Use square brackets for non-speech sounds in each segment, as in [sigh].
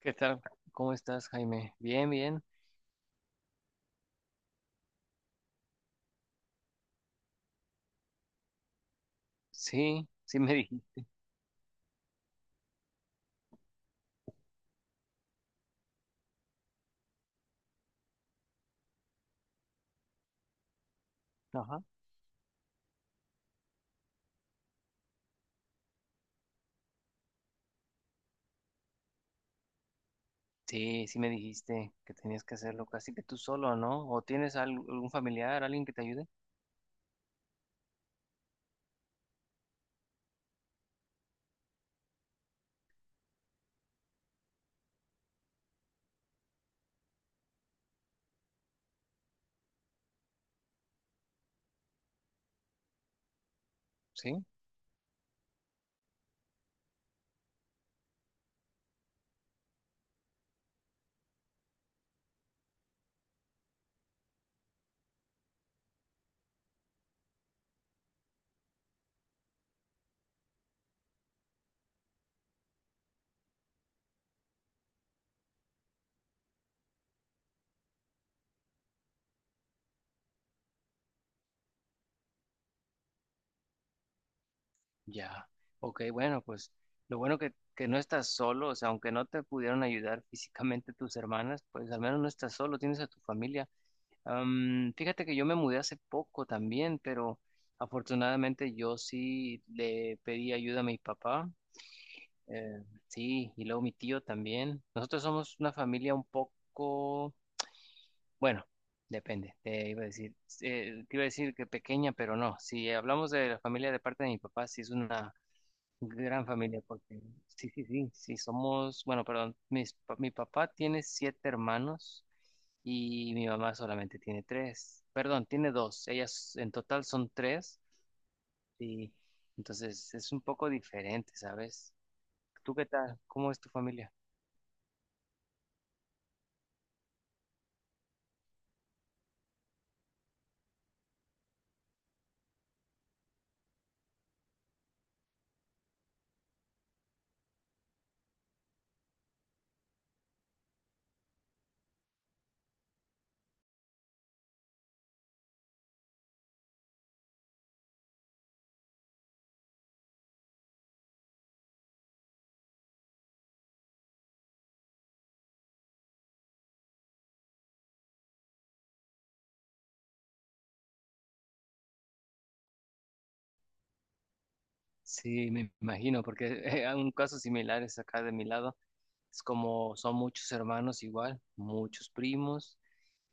¿Qué tal? ¿Cómo estás, Jaime? Bien, bien. Sí, sí me dijiste. Ajá. Sí, sí me dijiste que tenías que hacerlo casi que tú solo, ¿no? ¿O tienes algún familiar, alguien que te ayude? Sí. Ya. Ok, bueno, pues lo bueno que no estás solo, o sea, aunque no te pudieron ayudar físicamente tus hermanas, pues al menos no estás solo, tienes a tu familia. Fíjate que yo me mudé hace poco también, pero afortunadamente yo sí le pedí ayuda a mi papá. Eh, sí, y luego mi tío también. Nosotros somos una familia un poco, bueno, depende, te iba a decir que pequeña, pero no. Si hablamos de la familia de parte de mi papá, sí es una gran familia, porque sí, sí, sí, sí somos, bueno, perdón, mi papá tiene siete hermanos y mi mamá solamente tiene tres, perdón, tiene dos, ellas en total son tres, y entonces es un poco diferente, ¿sabes? ¿Tú qué tal? ¿Cómo es tu familia? Sí, me imagino, porque [laughs] hay un caso similar es acá de mi lado. Es como son muchos hermanos igual, muchos primos,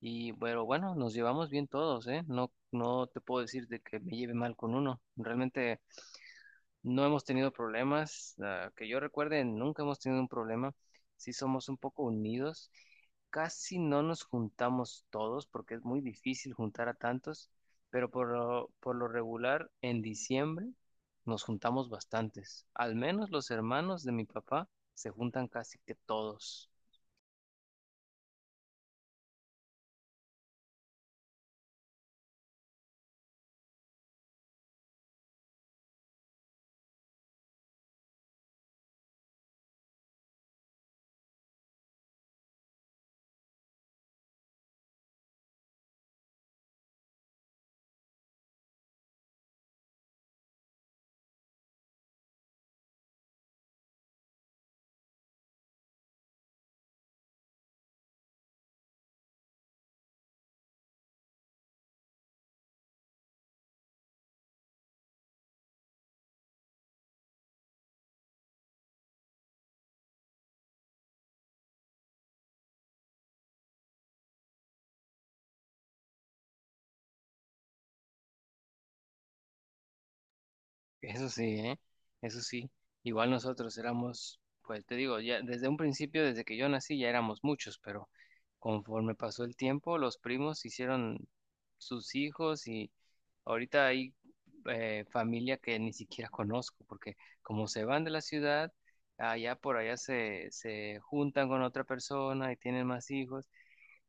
y bueno, bueno, nos llevamos bien todos, ¿eh? No, no te puedo decir de que me lleve mal con uno. Realmente no hemos tenido problemas, ah, que yo recuerde, nunca hemos tenido un problema. Sí somos un poco unidos. Casi no nos juntamos todos porque es muy difícil juntar a tantos, pero por lo regular en diciembre nos juntamos bastantes. Al menos los hermanos de mi papá se juntan casi que todos. Eso sí, ¿eh? Eso sí. Igual nosotros éramos, pues te digo, ya desde un principio, desde que yo nací, ya éramos muchos, pero conforme pasó el tiempo, los primos hicieron sus hijos y ahorita hay familia que ni siquiera conozco, porque como se van de la ciudad, allá por allá se, se juntan con otra persona y tienen más hijos,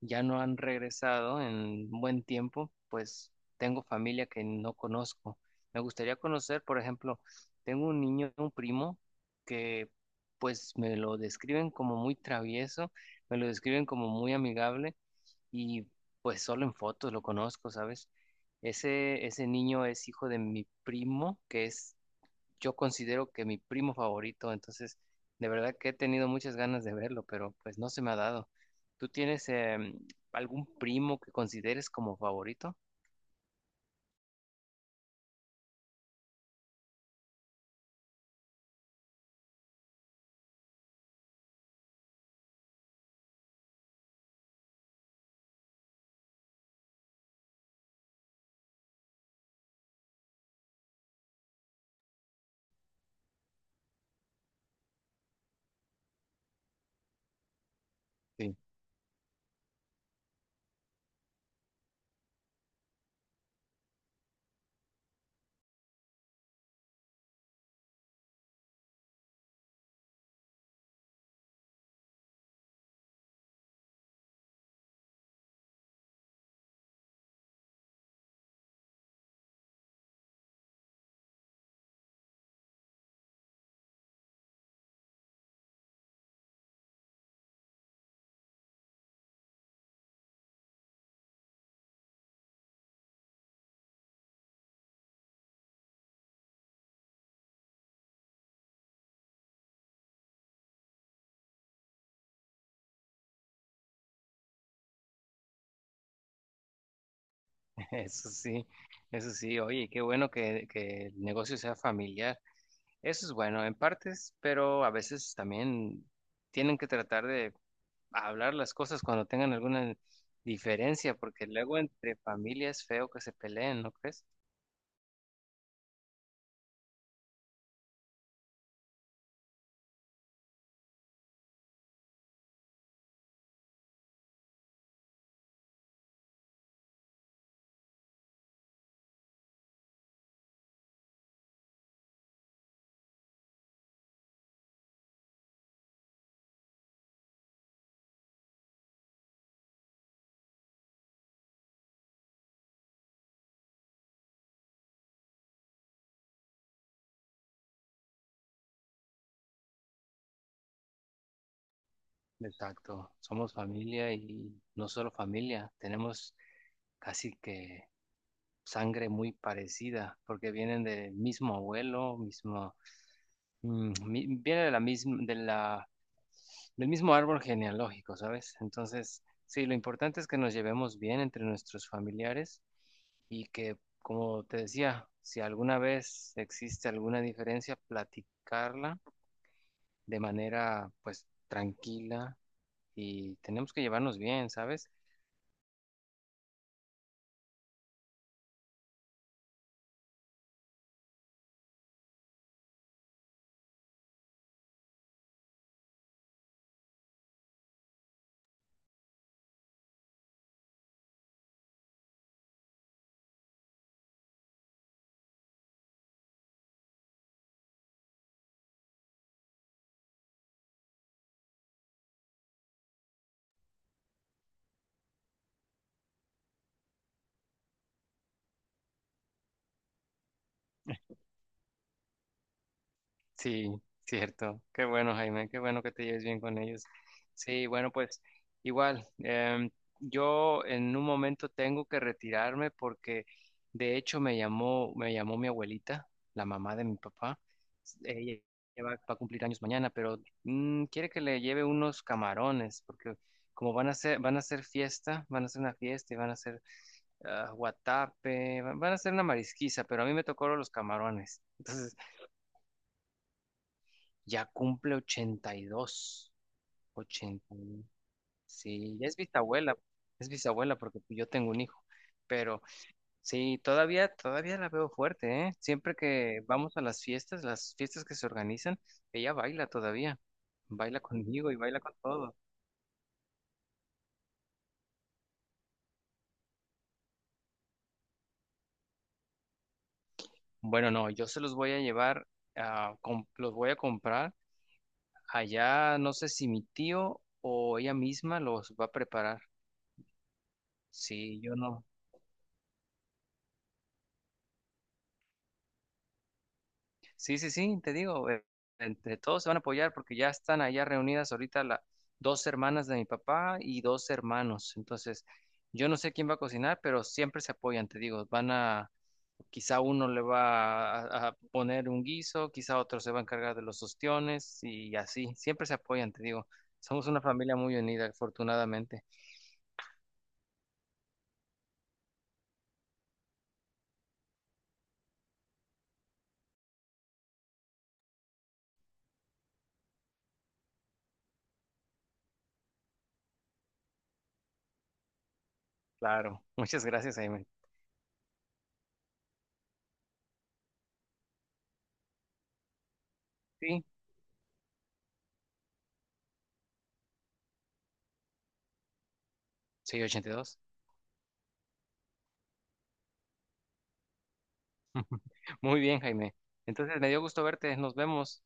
ya no han regresado en buen tiempo, pues tengo familia que no conozco. Me gustaría conocer, por ejemplo, tengo un niño, un primo, que pues me lo describen como muy travieso, me lo describen como muy amigable y pues solo en fotos lo conozco, ¿sabes? Ese niño es hijo de mi primo, que es, yo considero que mi primo favorito, entonces de verdad que he tenido muchas ganas de verlo, pero pues no se me ha dado. ¿Tú tienes algún primo que consideres como favorito? Sí, [laughs] eso sí, eso sí, oye, qué bueno que el negocio sea familiar. Eso es bueno en partes, pero a veces también tienen que tratar de hablar las cosas cuando tengan alguna diferencia, porque luego entre familias es feo que se peleen, ¿no crees? Exacto, somos familia y no solo familia, tenemos casi que sangre muy parecida porque vienen del mismo abuelo, viene de la misma, de la, del mismo árbol genealógico, ¿sabes? Entonces, sí, lo importante es que nos llevemos bien entre nuestros familiares y que, como te decía, si alguna vez existe alguna diferencia, platicarla de manera, pues, tranquila, y tenemos que llevarnos bien, ¿sabes? Sí, cierto. Qué bueno, Jaime, qué bueno que te lleves bien con ellos. Sí, bueno, pues igual, yo en un momento tengo que retirarme porque de hecho me llamó mi abuelita, la mamá de mi papá. Ella ella va a cumplir años mañana, pero quiere que le lleve unos camarones porque como van a hacer fiesta, van a hacer una fiesta y van a hacer guatape, van a hacer una marisquiza, pero a mí me tocaron los camarones. Entonces, ya cumple 82, 80. Sí, ya es bisabuela. Es bisabuela porque yo tengo un hijo. Pero sí, todavía, todavía la veo fuerte, ¿eh? Siempre que vamos a las fiestas que se organizan, ella baila todavía. Baila conmigo y baila con todo. Bueno, no, yo se los voy a llevar, los voy a comprar. Allá no sé si mi tío o ella misma los va a preparar. Sí, yo no. Sí, sí, sí, te digo, entre todos se van a apoyar porque ya están allá reunidas ahorita las dos hermanas de mi papá y dos hermanos. Entonces, yo no sé quién va a cocinar, pero siempre se apoyan, te digo, quizá uno le va a poner un guiso, quizá otro se va a encargar de los ostiones y así, siempre se apoyan, te digo. Somos una familia muy unida, afortunadamente. Claro, [laughs] muchas gracias, Jaime. Sí, soy 82. Muy bien, Jaime. Entonces, me dio gusto verte, nos vemos.